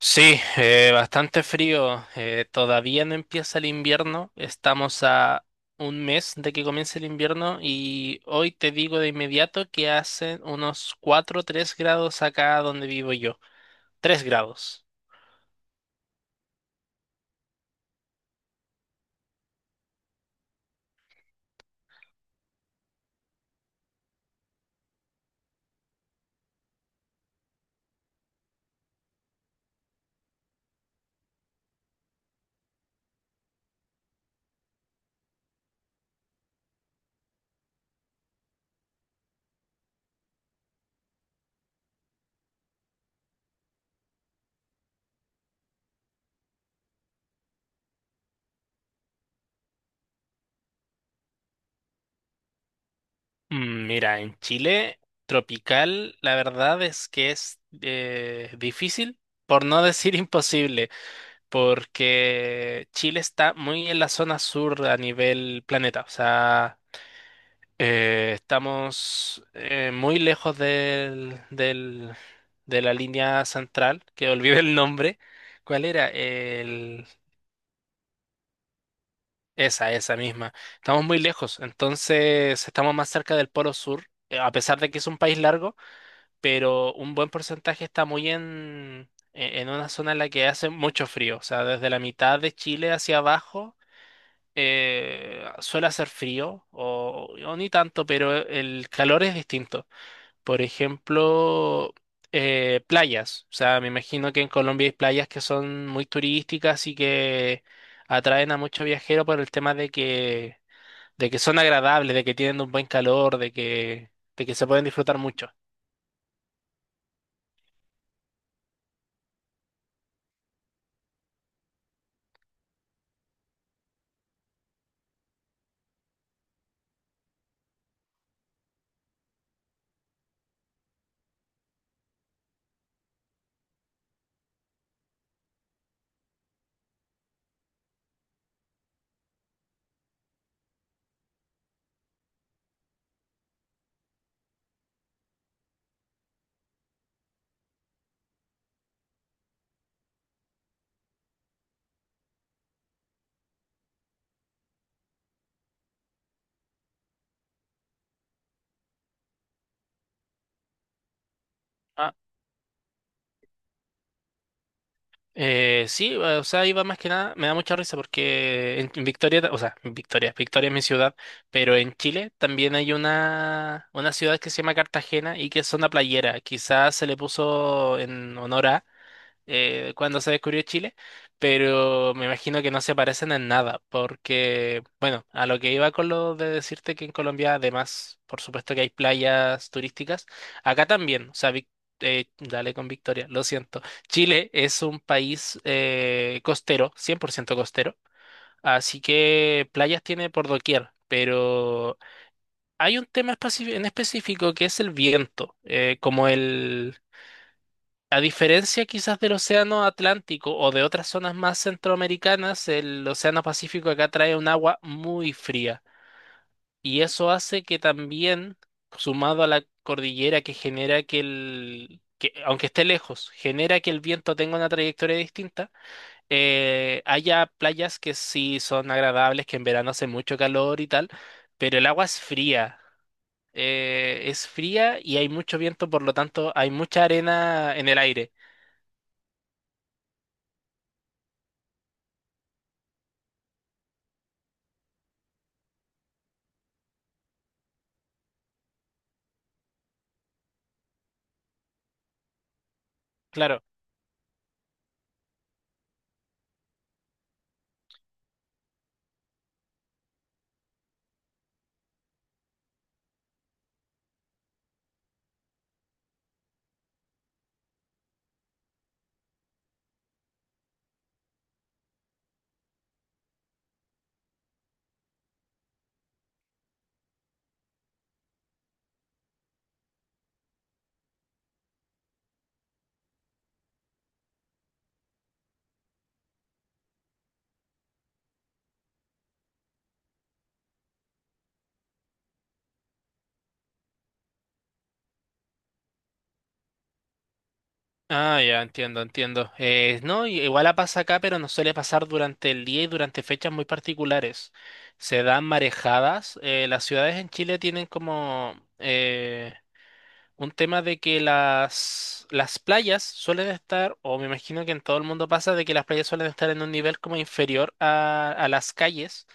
Sí, bastante frío. Todavía no empieza el invierno. Estamos a un mes de que comience el invierno y hoy te digo de inmediato que hacen unos 4, o 3 grados acá donde vivo yo. Tres grados. Mm, mira, en Chile tropical, la verdad es que es difícil, por no decir imposible, porque Chile está muy en la zona sur a nivel planeta. O sea... estamos muy lejos de la línea central, que olvidé el nombre. ¿Cuál era? El, esa misma. Estamos muy lejos, entonces estamos más cerca del Polo Sur, a pesar de que es un país largo, pero un buen porcentaje está muy en una zona en la que hace mucho frío, o sea, desde la mitad de Chile hacia abajo suele hacer frío, o ni tanto, pero el calor es distinto. Por ejemplo, playas. O sea, me imagino que en Colombia hay playas que son muy turísticas y que atraen a muchos viajeros por el tema de que son agradables, de que tienen un buen calor, de que se pueden disfrutar mucho. Ah, sí, o sea, iba más que nada, me da mucha risa porque en Victoria, o sea, en Victoria, Victoria es mi ciudad, pero en Chile también hay una ciudad que se llama Cartagena y que es una playera, quizás se le puso en honor a cuando se descubrió Chile, pero me imagino que no se parecen en nada, porque, bueno, a lo que iba con lo de decirte que en Colombia, además, por supuesto que hay playas turísticas, acá también, o sea, dale con Victoria, lo siento. Chile es un país costero, 100% costero, así que playas tiene por doquier. Pero hay un tema en específico que es el viento, como el, a diferencia quizás del Océano Atlántico o de otras zonas más centroamericanas, el Océano Pacífico acá trae un agua muy fría y eso hace que también, sumado a la cordillera que genera que el, que, aunque esté lejos, genera que el viento tenga una trayectoria distinta, haya playas que sí son agradables, que en verano hace mucho calor y tal, pero el agua es fría. Es fría y hay mucho viento, por lo tanto hay mucha arena en el aire. Claro. Ah, ya, entiendo, entiendo. No, igual la pasa acá, pero no suele pasar durante el día y durante fechas muy particulares. Se dan marejadas. Las ciudades en Chile tienen como... un tema de que las playas suelen estar, o me imagino que en todo el mundo pasa, de que las playas suelen estar en un nivel como inferior a las calles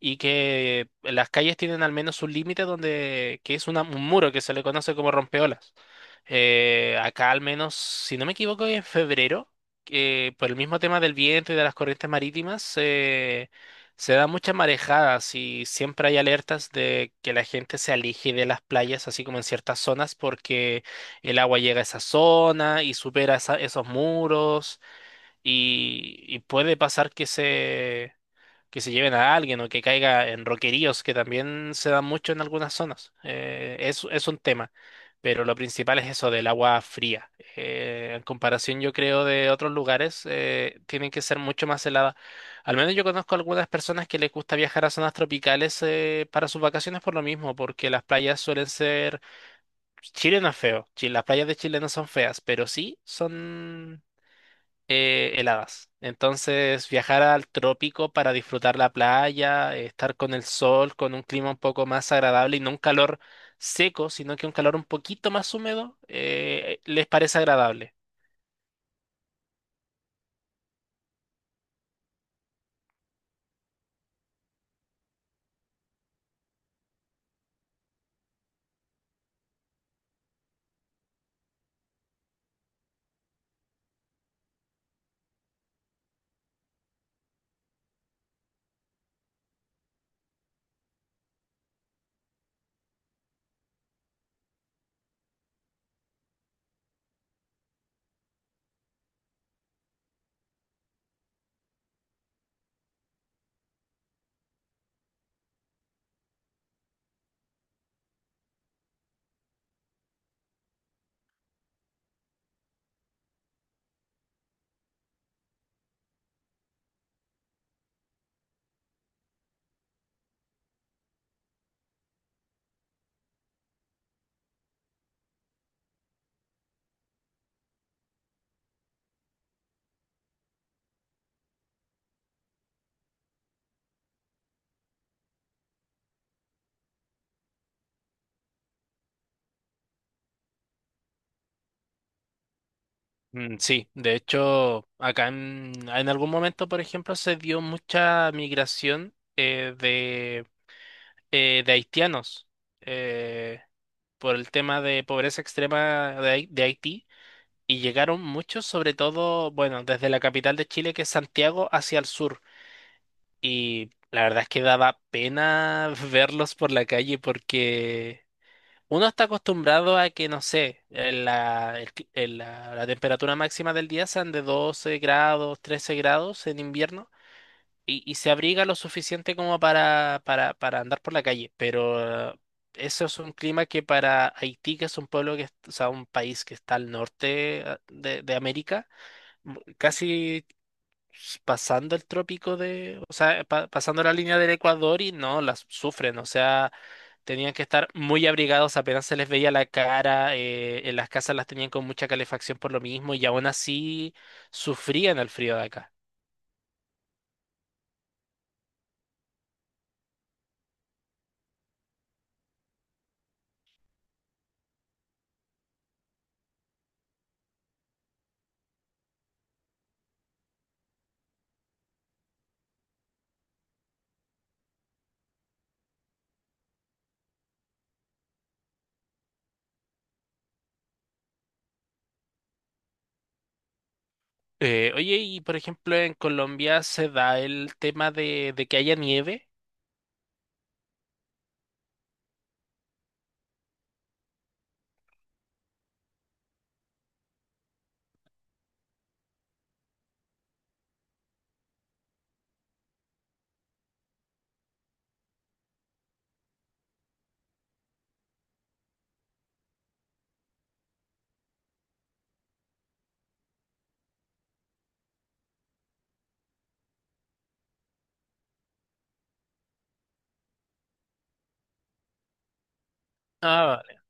y que las calles tienen al menos un límite donde, que es un muro que se le conoce como rompeolas. Acá al menos, si no me equivoco, en febrero, que por el mismo tema del viento y de las corrientes marítimas, se da mucha marejada, y siempre hay alertas de que la gente se aleje de las playas, así como en ciertas zonas, porque el agua llega a esa zona y supera esos muros y puede pasar que se lleven a alguien o que caiga en roqueríos, que también se dan mucho en algunas zonas. Es un tema, pero lo principal es eso del agua fría. En comparación, yo creo, de otros lugares, tienen que ser mucho más heladas. Al menos yo conozco algunas personas que les gusta viajar a zonas tropicales para sus vacaciones por lo mismo, porque las playas suelen ser... Chile no es feo, las playas de Chile no son feas, pero sí son heladas. Entonces, viajar al trópico para disfrutar la playa, estar con el sol, con un clima un poco más agradable y no un calor seco, sino que un calor un poquito más húmedo, les parece agradable. Mm, sí, de hecho, acá en algún momento, por ejemplo, se dio mucha migración de haitianos eh, por el tema de pobreza extrema de de Haití. Y llegaron muchos, sobre todo, bueno, desde la capital de Chile, que es Santiago, hacia el sur. Y la verdad es que daba pena verlos por la calle porque uno está acostumbrado a que, no sé, en la, en la, la temperatura máxima del día sean de 12 grados, 13 grados en invierno y se abriga lo suficiente como para andar por la calle. Pero eso es un clima que para Haití, que es un pueblo que, o sea, un país que está al norte de América, casi pasando el trópico de, o sea, pasando la línea del Ecuador y no, las sufren, o sea, tenían que estar muy abrigados, apenas se les veía la cara, en las casas las tenían con mucha calefacción por lo mismo y aún así sufrían el frío de acá. Oye, y por ejemplo, en Colombia se da el tema de que haya nieve. Ah, vale.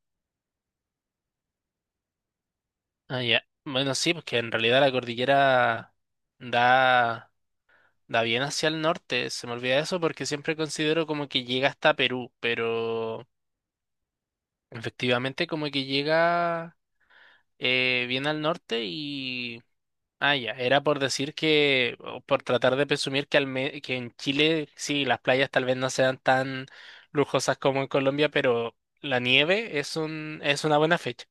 Ah, ya. Bueno, sí, porque en realidad la cordillera da. Da bien hacia el norte, se me olvida eso porque siempre considero como que llega hasta Perú, pero efectivamente como que llega bien al norte y... Ah, ya, era por decir que, o por tratar de presumir que, que en Chile sí, las playas tal vez no sean tan lujosas como en Colombia, pero la nieve es un, es una buena fecha.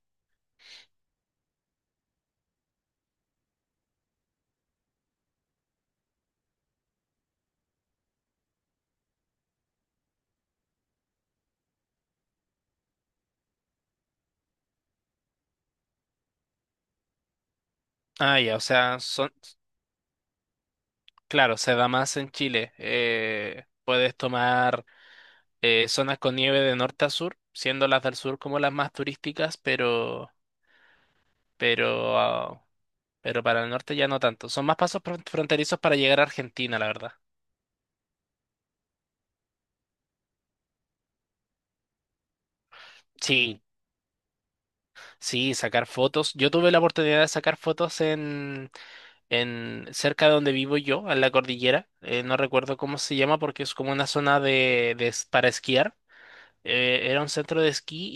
Ah, ya, o sea, son, claro, se da más en Chile. Puedes tomar... zonas con nieve de norte a sur, siendo las del sur como las más turísticas, pero, ah, pero para el norte ya no tanto. Son más pasos fronterizos para llegar a Argentina, la verdad. Sí, sí, sacar fotos. Yo tuve la oportunidad de sacar fotos en cerca de donde vivo yo, en la cordillera. No recuerdo cómo se llama porque es como una zona de, para esquiar. Era un centro de esquí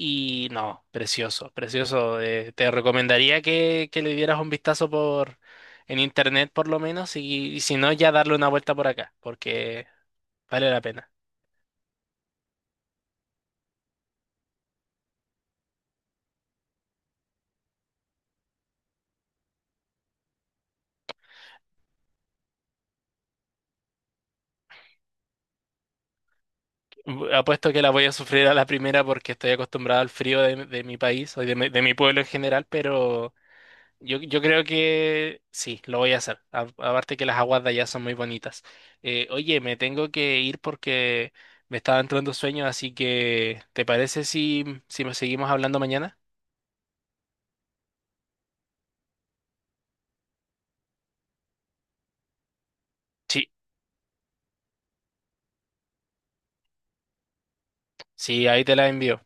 y no, precioso, precioso. Te recomendaría que le dieras un vistazo por en internet por lo menos y si no ya darle una vuelta por acá, porque vale la pena. Apuesto que la voy a sufrir a la primera porque estoy acostumbrado al frío de mi país o de mi pueblo en general, pero yo creo que sí, lo voy a hacer. Aparte que las aguas de allá son muy bonitas. Oye, me tengo que ir porque me estaba entrando sueño, así que ¿te parece si, si nos seguimos hablando mañana? Sí, sí, ahí te la envío.